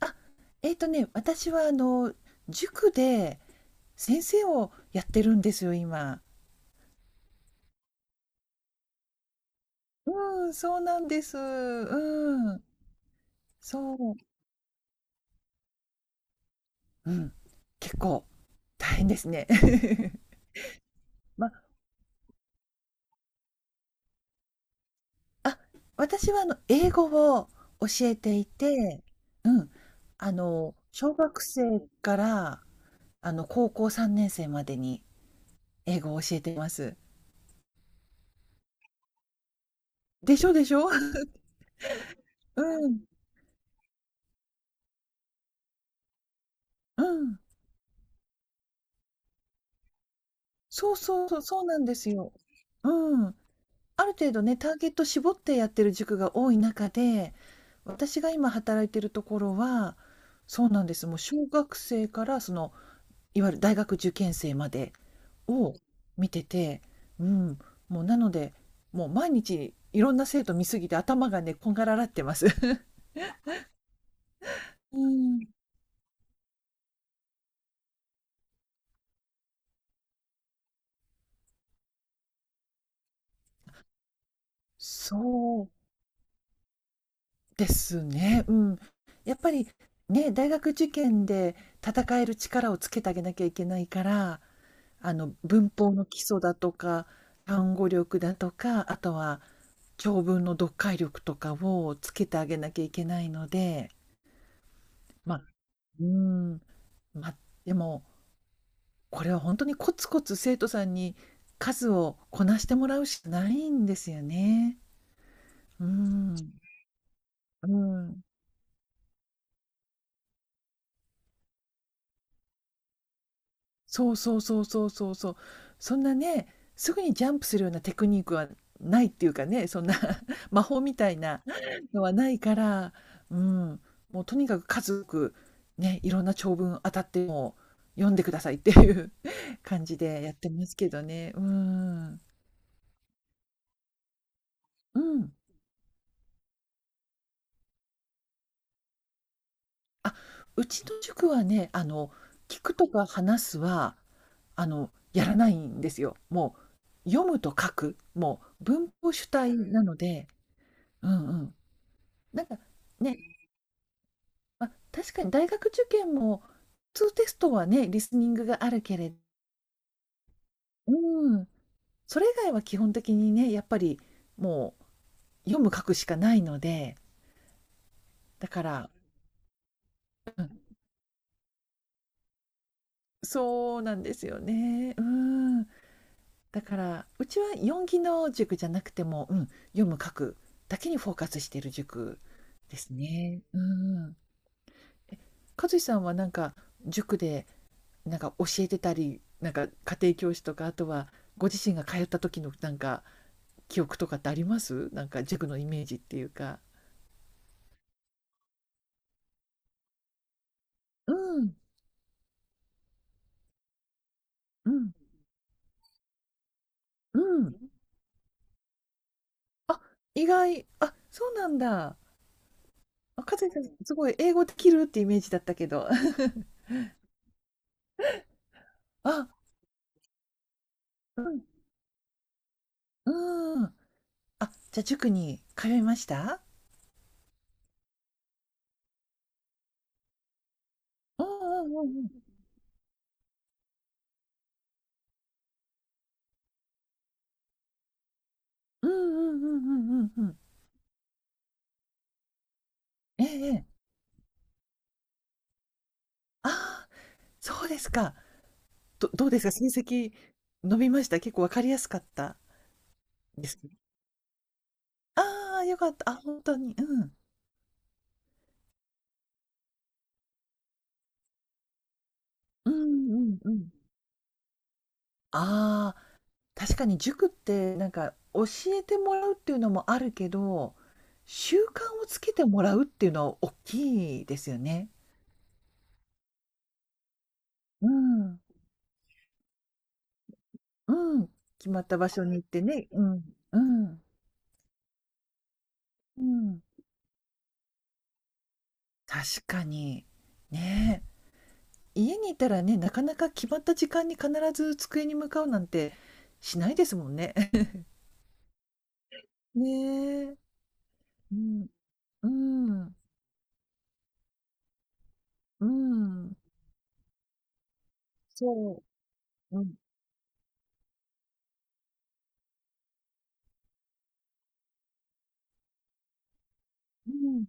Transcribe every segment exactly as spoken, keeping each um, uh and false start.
あ、えっとね、私はあの、塾で先生をやってるんですよ、今。うん、そうなんです。うん、そう。うん、結構大変ですね。ま、あ、私はあの、英語を教えていて、うん、あの、小学生からあの、高校さんねん生までに英語を教えています。でしょでしょ？うん、うん。そうそうそう、そうなんですよ。うん。ある程度ね、ターゲット絞ってやってる塾が多い中で、私が今働いてるところは、そうなんです。もう小学生からその、いわゆる大学受験生までを見てて、うん、もうなので、もう毎日いろんな生徒見すぎて頭がね、こんがらがってます。うん、そうですね。うん。やっぱりね、大学受験で戦える力をつけてあげなきゃいけないから、あの文法の基礎だとか単語力だとかあとは長文の読解力とかをつけてあげなきゃいけないのでまあうーんまあでもこれは本当にコツコツ生徒さんに数をこなしてもらうしかないんですよね。うん、うん、そうそうそうそうそうそう。そんなね、すぐにジャンプするようなテクニックはないっていうかね、そんな 魔法みたいなのはないから、うん、もうとにかく数多くね、いろんな長文当たっても読んでくださいっていう 感じでやってますけどね。うん。うん。あ、うちの塾はね、あの、聞くとか話すは、あの、やらないんですよ。もう、読むと書く、もう文法主体なので、うんうん。なんかね、まあ、確かに大学受験も、普通テストはね、リスニングがあるけれど、うん、それ以外は基本的にね、やっぱりもう読む書くしかないので、だからそうなんですよね。うん。だから、うちはよん技能塾じゃなくても、うん、読む書くだけにフォーカスしている塾ですね。うーん。和志さんはなんか塾でなんか教えてたりなんか家庭教師とかあとはご自身が通った時のなんか記憶とかってありますなんか塾のイメージっていうか。うんうんうん。あ、意外、あ、そうなんだ。あ、かずさんすごい英語できるってイメージだったけど。あ、うんうん。あ、じゃあ塾に通いました？うんうんうんうんうんうんうんうんうん。ええええ、ああ、そうですか。どどうですか？成績伸びました？結構わかりやすかったですああ、良かった。あ、本当に。うん。うんうんうん。ああ、確かに塾ってなんか教えてもらうっていうのもあるけど、習慣をつけてもらうっていうのは大きいですよね。うん。うん。決まった場所に行ってね。うん。うん。うん。確かに。ねえ。家にいたらね、なかなか決まった時間に必ず机に向かうなんてしないですもんね。ねえ。うん。うん。うん。そう、うん、うん、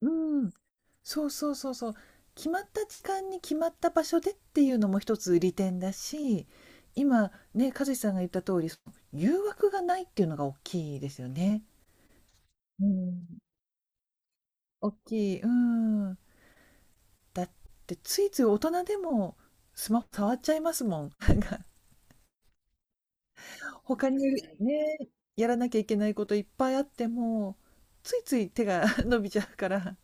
うん。そうそうそうそう。決まった時間に決まった場所でっていうのも一つ利点だし、今ね、和志さんが言った通り、その誘惑がないっていうのが大きいですよね。うん、大きい。うん。だってついつい大人でもスマホ触っちゃいますもん。他にね、やらなきゃいけないこといっぱいあっても、ついつい手が 伸びちゃうから。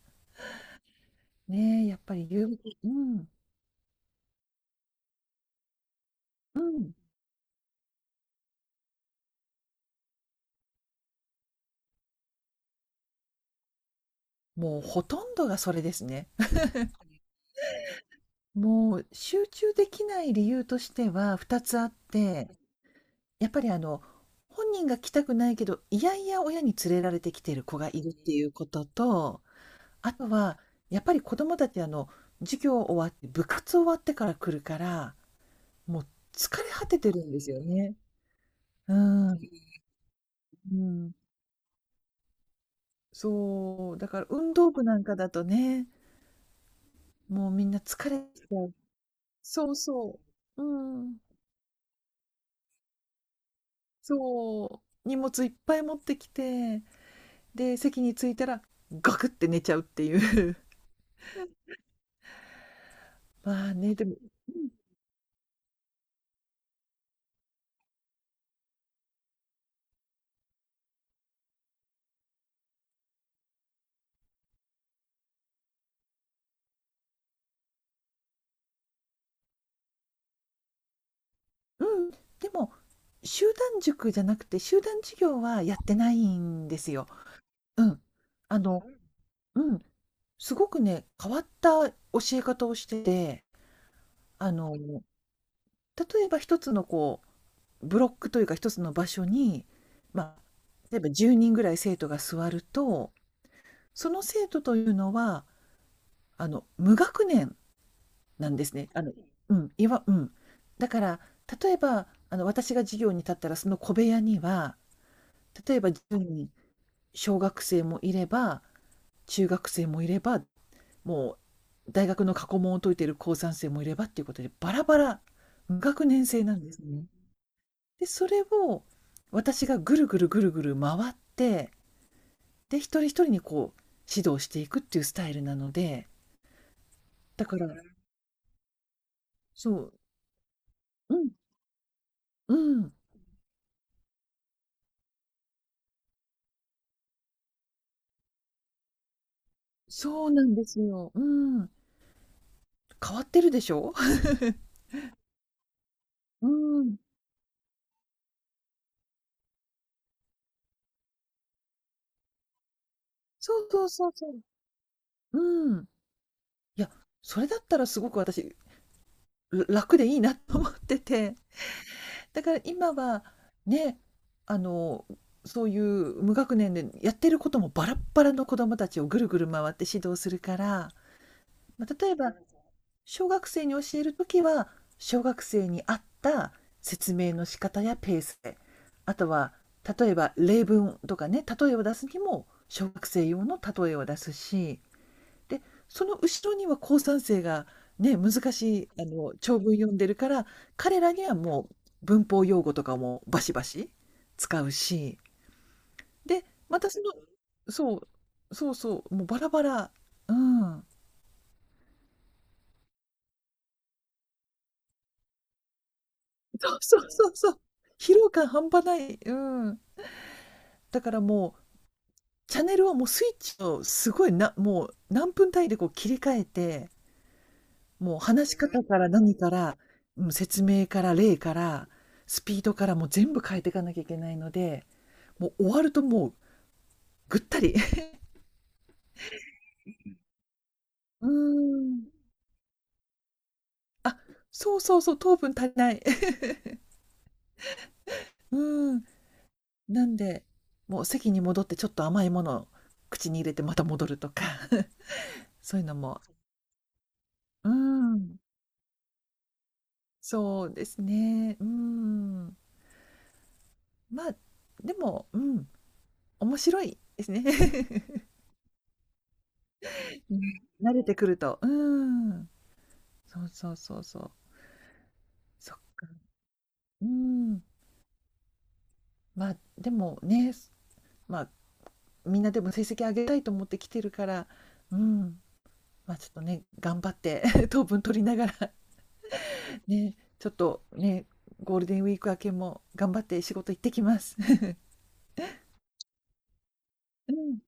ねえ、やっぱり誘惑。うん。うん。もうほとんどがそれですね。もう集中できない理由としてはふたつあって、やっぱりあの、本人が来たくないけど、いやいや親に連れられてきてる子がいるっていうことと、あとはやっぱり子供たちあの、授業終わって、部活終わってから来るから、もう疲れ果ててるんですよね。うん、うん。そう、だから運動部なんかだとね、もうみんな疲れてきちゃう。そうそう。うん。そう、荷物いっぱい持ってきて、で、席に着いたら、ガクって寝ちゃうっていう。まあね、でも、うん、うん、でも、集団塾じゃなくて、集団授業はやってないんですよ。うん。あの、うん、すごくね、変わった教え方をしてて、あの、例えば一つのこう、ブロックというか一つの場所に、まあ、例えばじゅうにんぐらい生徒が座ると、その生徒というのは、あの、無学年なんですね。あの、うん、いわうん。だから、例えば、あの、私が授業に立ったら、その小部屋には、例えばひとり、小学生もいれば、中学生もいれば、もう大学の過去問を解いている高さん生もいればっていうことで、バラバラ、無学年制なんですね。で、それを私がぐるぐるぐるぐる回って、で、一人一人にこう、指導していくっていうスタイルなので、だから、そう、うん、うん、そうなんですよ。うん。変わってるでしょ？うーん。そうそうそうそう。うーん。いや、それだったらすごく私、ら楽でいいなと思ってて。だから今は、ね、あの、そういう無学年でやってることもバラッバラの子供たちをぐるぐる回って指導するから、まあ、例えば、小学生に教えるときは、小学生に合った説明の仕方やペースで、あとは例えば例文とかね、例えを出すにも小学生用の例えを出すし、で、その後ろには高三生がね、難しい、あの、長文読んでるから、彼らにはもう文法用語とかもバシバシ使うし、で、またその、そう、そうそう、もうバラバラ。うん。そうそうそうそう。疲労感半端ない。うん。だからもう、チャンネルをもうスイッチをすごいな、もう何分単位でこう切り替えて、もう話し方から何から、うん、説明から例から、スピードからもう全部変えていかなきゃいけないので、もう終わるともうぐったり。うーん。あ、そうそうそう、糖分足りない。うーん。なんで、もう席に戻ってちょっと甘いものを口に入れてまた戻るとか、そういうのも、うーん、そうですね。うーん。まあ、でも、うん、面白いですね。ね。慣れてくると。うーん。そうそうそうそう。そっか。うん。まあ、でもね、まあ、みんなでも成績上げたいと思って来てるから、うん、まあ、ちょっとね、頑張って 糖分取りながら、ね、ちょっとね、ゴールデンウィーク明けも頑張って仕事行ってきます。うん。